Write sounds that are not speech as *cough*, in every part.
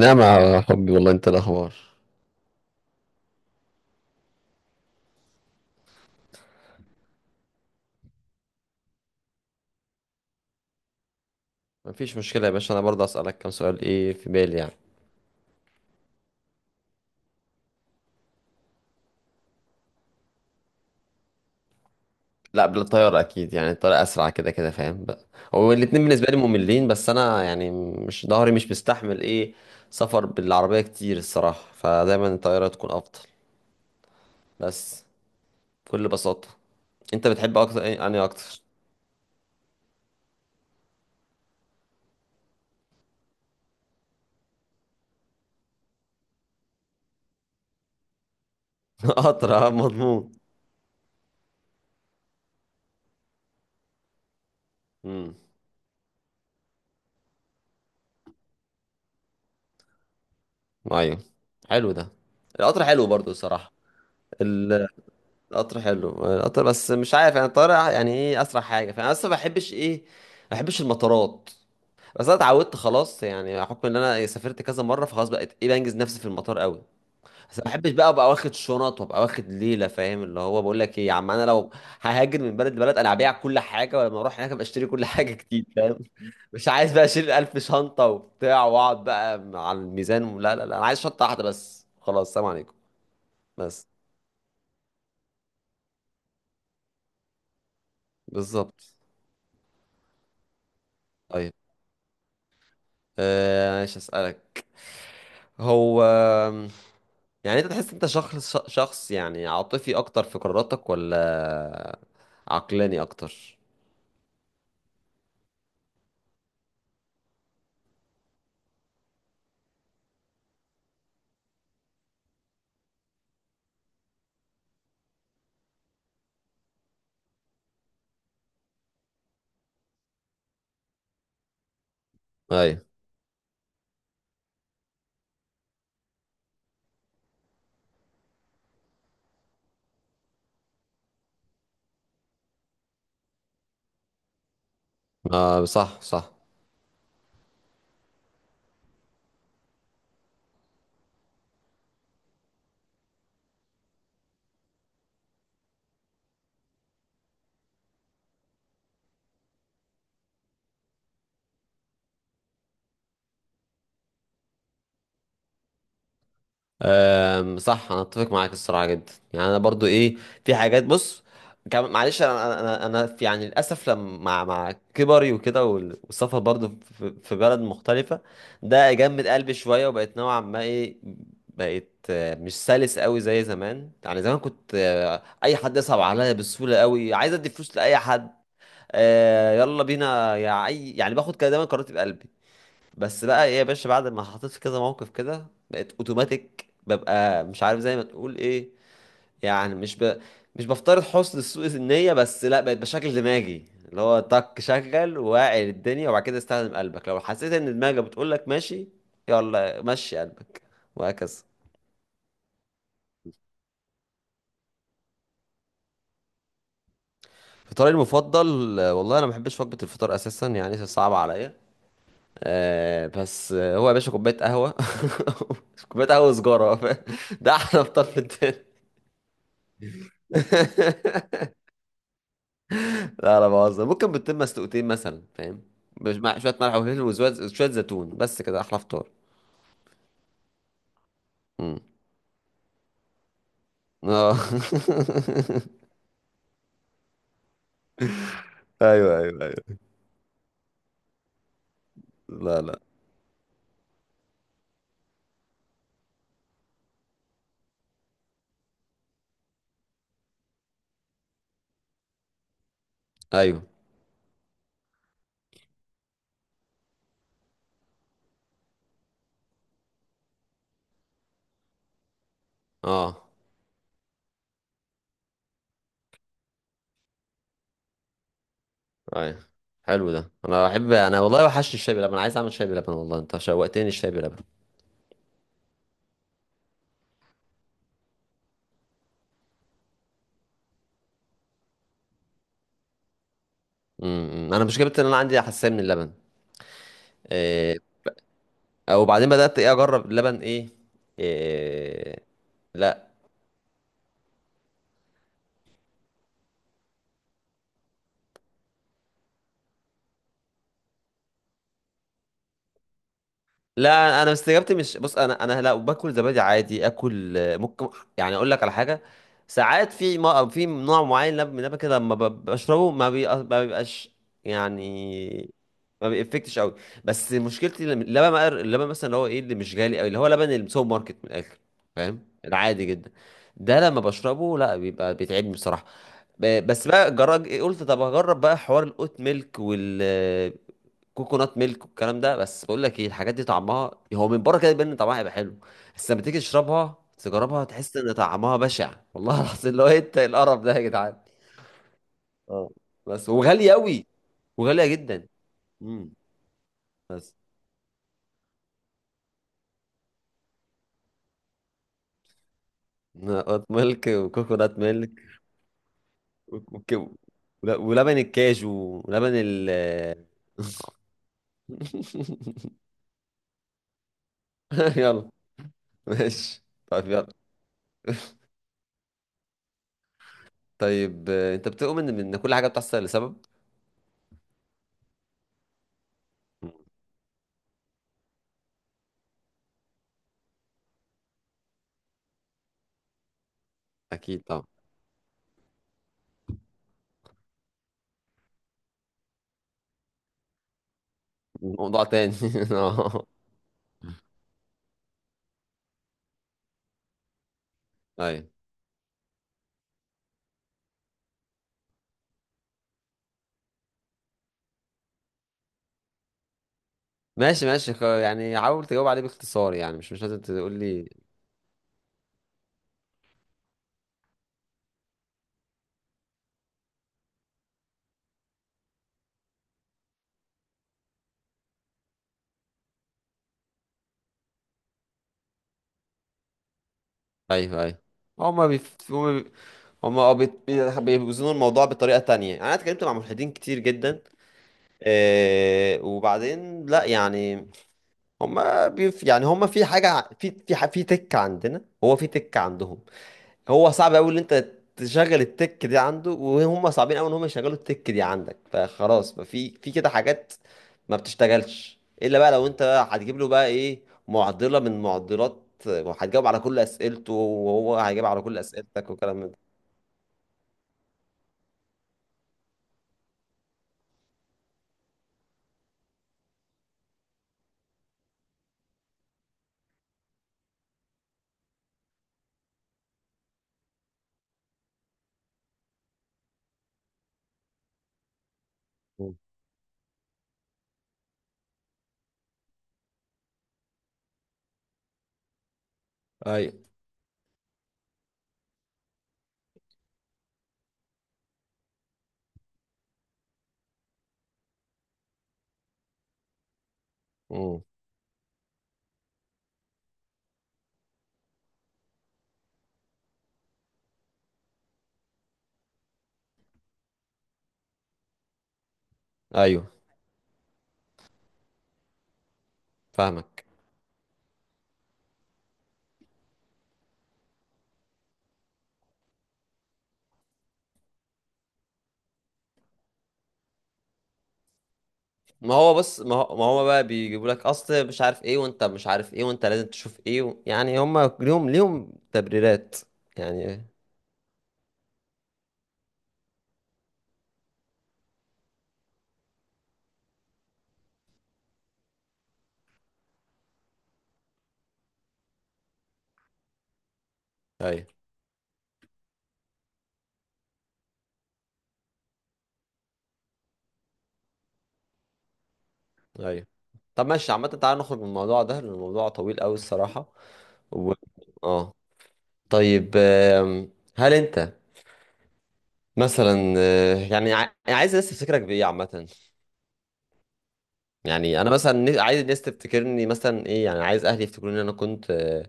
نعم يا حبي، والله انت الاخبار؟ مفيش مشكله يا باشا، انا برضه اسالك كام سؤال ايه في بالي يعني. لا، بالطياره اكيد، يعني الطياره اسرع كده كده فاهم بقى. هو الاتنين بالنسبه لي مملين، بس انا مش ضهري مش مستحمل ايه سفر بالعربيه كتير الصراحه، فدايما الطياره تكون افضل. بس بكل بساطه. انت بتحب اكتر ايه؟ انهي اكتر؟ *laughs* قطر، اه مضمون. امم. ايوه، حلو ده. القطر حلو برضه الصراحه. القطر حلو، القطر، بس مش عارف، يعني الطيارة ايه اسرع حاجة، فانا اصلا ما بحبش ايه، ما بحبش المطارات. بس انا اتعودت خلاص، يعني بحكم ان انا سافرت كذا مرة فخلاص بقيت ايه بنجز نفسي في المطار قوي. بس ما بحبش بقى ابقى واخد شنط وابقى واخد ليلة فاهم، اللي هو بقول لك ايه يا عم، انا لو ههاجر من بلد لبلد، انا هبيع كل حاجة، ولما اروح هناك ابقى اشتري كل حاجة جديد فاهم. مش عايز بقى اشيل 1000 شنطة وبتاع واقعد بقى على الميزان. لا لا لا، انا عايز شنطة واحدة بس خلاص، سلام عليكم. بس. بالظبط. أيوة. آه، ماشي اسالك. هو انت تحس انت شخص يعني عاطفي اكتر في قراراتك، ولا عقلاني اكتر؟ ايوه. آه، صح صح. أم، صح، انا اتفق معاك الصراحه جدا، يعني انا برضو ايه، في حاجات بص، كم معلش، انا انا في يعني للاسف لما مع كبري وكده والسفر برضو في بلد مختلفه، ده جمد قلبي شويه وبقيت نوعا ما ايه، بقيت مش سلس قوي زي زمان. يعني زمان كنت اي حد يصعب عليا بسهوله قوي، عايز ادي فلوس لاي حد، يلا بينا يا اي يعني، باخد كده دايما قراراتي بقلبي. بس بقى ايه يا باشا، بعد ما حطيت في كذا موقف كده بقيت اوتوماتيك ببقى مش عارف زي ما تقول ايه، يعني مش ب... مش بفترض حسن سوء النية، بس لا، بقيت بشكل دماغي اللي هو طك، شغل واعي الدنيا وبعد كده استخدم قلبك، لو حسيت ان دماغك بتقول لك ماشي يلا مشي قلبك، وهكذا. فطاري المفضل؟ والله انا ما بحبش وجبة الفطار اساسا، يعني صعبة عليا. آه بس آه، هو يا باشا كوباية قهوة. *laughs* كوباية قهوة وسجارة، *laughs* ده احلى فطار في الدنيا. *laughs* لا لا، بهزر، ممكن بتتم مسلوقتين مثلا فاهم، مش مع شويه ملح وفلفل وشويه شويه زيتون، بس كده احلى فطار. امم. اه. *laughs* ايوه ايوه ايوه. لا لا. ايوه. اه. ايوه، حلو ده، انا بحب، انا والله وحشني الشاي بلبن، انا عايز اعمل شاي بلبن، والله انت شوقتني الشاي بلبن. امم. انا مش جبت ان انا عندي حساسيه من اللبن. إيه. او بعدين بدات ايه اجرب اللبن ايه, إيه. لا لا، انا استجابتي مش، بص انا لا باكل زبادي عادي، اكل ممكن يعني اقول لك على حاجه، ساعات في، ما في نوع معين من اللبن كده لما بشربه ما بيبقاش يعني، ما بيفكتش قوي. بس مشكلتي لما، اللبن بقى، اللبن مثلا اللي هو ايه اللي مش غالي قوي، اللي هو لبن السوبر ماركت من الاخر فاهم، العادي جدا، ده لما بشربه لا بيبقى بيتعبني بصراحه. بس بقى جرب، قلت طب هجرب بقى حوار الأوت ميلك، كوكونات ميلك والكلام ده، بس بقول لك ايه، الحاجات دي طعمها هو من بره كده يبان ان طعمها هيبقى حلو، بس لما تيجي تشربها تجربها تحس ان طعمها بشع، والله *laughs* العظيم لو إيه انت القرف ده يا جدعان. اه، بس وغاليه قوي، وغاليه جدا. امم. بس نقط ميلك وكوكونات ميلك وك- وك- ولبن الكاجو ولبن ال *laughs* يلا، ماشي طيب يلا. طيب انت بتؤمن ان إن كل حاجه بتحصل لسبب؟ مم. اكيد طبعا. موضوع تاني. *laughs* آه. ايوه. ماشي ماشي يعني حاول تجاوب عليه باختصار، يعني مش مش لازم تقول لي. ايوه ايوه. هما بيف... هما بي... هما اه بيت- بي- بيوزنوا الموضوع بطريقة تانية، يعني انا اتكلمت مع ملحدين كتير جدا. آه وبعدين لا يعني، هما في حاجة في تك عندنا، هو في تك عندهم، هو صعب قوي ان انت تشغل التك دي عنده، وهم صعبين قوي ان هم يشغلوا التك دي عندك، فخلاص بقى في كده حاجات ما بتشتغلش الا بقى لو انت بقى هتجيب له بقى ايه، معضله من معضلات، هتجاوب على كل اسئلته وهو هيجاوب على كل اسئلتك وكلام من ده. مم. ايوه. مم. ايوه، فاهمك. ما هو بص، ما هو بقى بيجيبوا لك اصل مش عارف ايه، وانت مش عارف ايه، وانت لازم تشوف ايه و... يعني هم ليهم تبريرات. يعني ايوه. ايوه. طب ماشي، عامة تعالى نخرج من الموضوع ده، لأن الموضوع طويل أوي الصراحة. و... اه. طيب آم، هل أنت مثلا يعني عايز الناس تفتكرك بإيه عامة؟ يعني أنا مثلا عايز الناس تفتكرني مثلا إيه، يعني عايز أهلي يفتكروني إن أنا كنت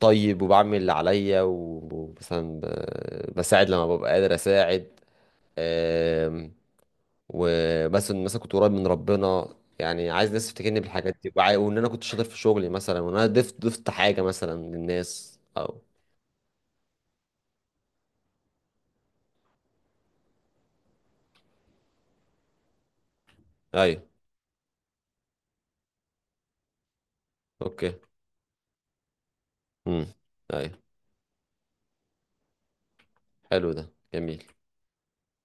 طيب، وبعمل اللي عليا ومثلا بساعد لما ببقى قادر أساعد، وبس إن مثلا كنت قريب من ربنا، يعني عايز الناس تفتكرني بالحاجات دي، وان انا كنت شاطر في شغلي مثلا، وان انا ضفت حاجه مثلا للناس او ايوه. اوكي. امم. ايوه، حلو ده، جميل.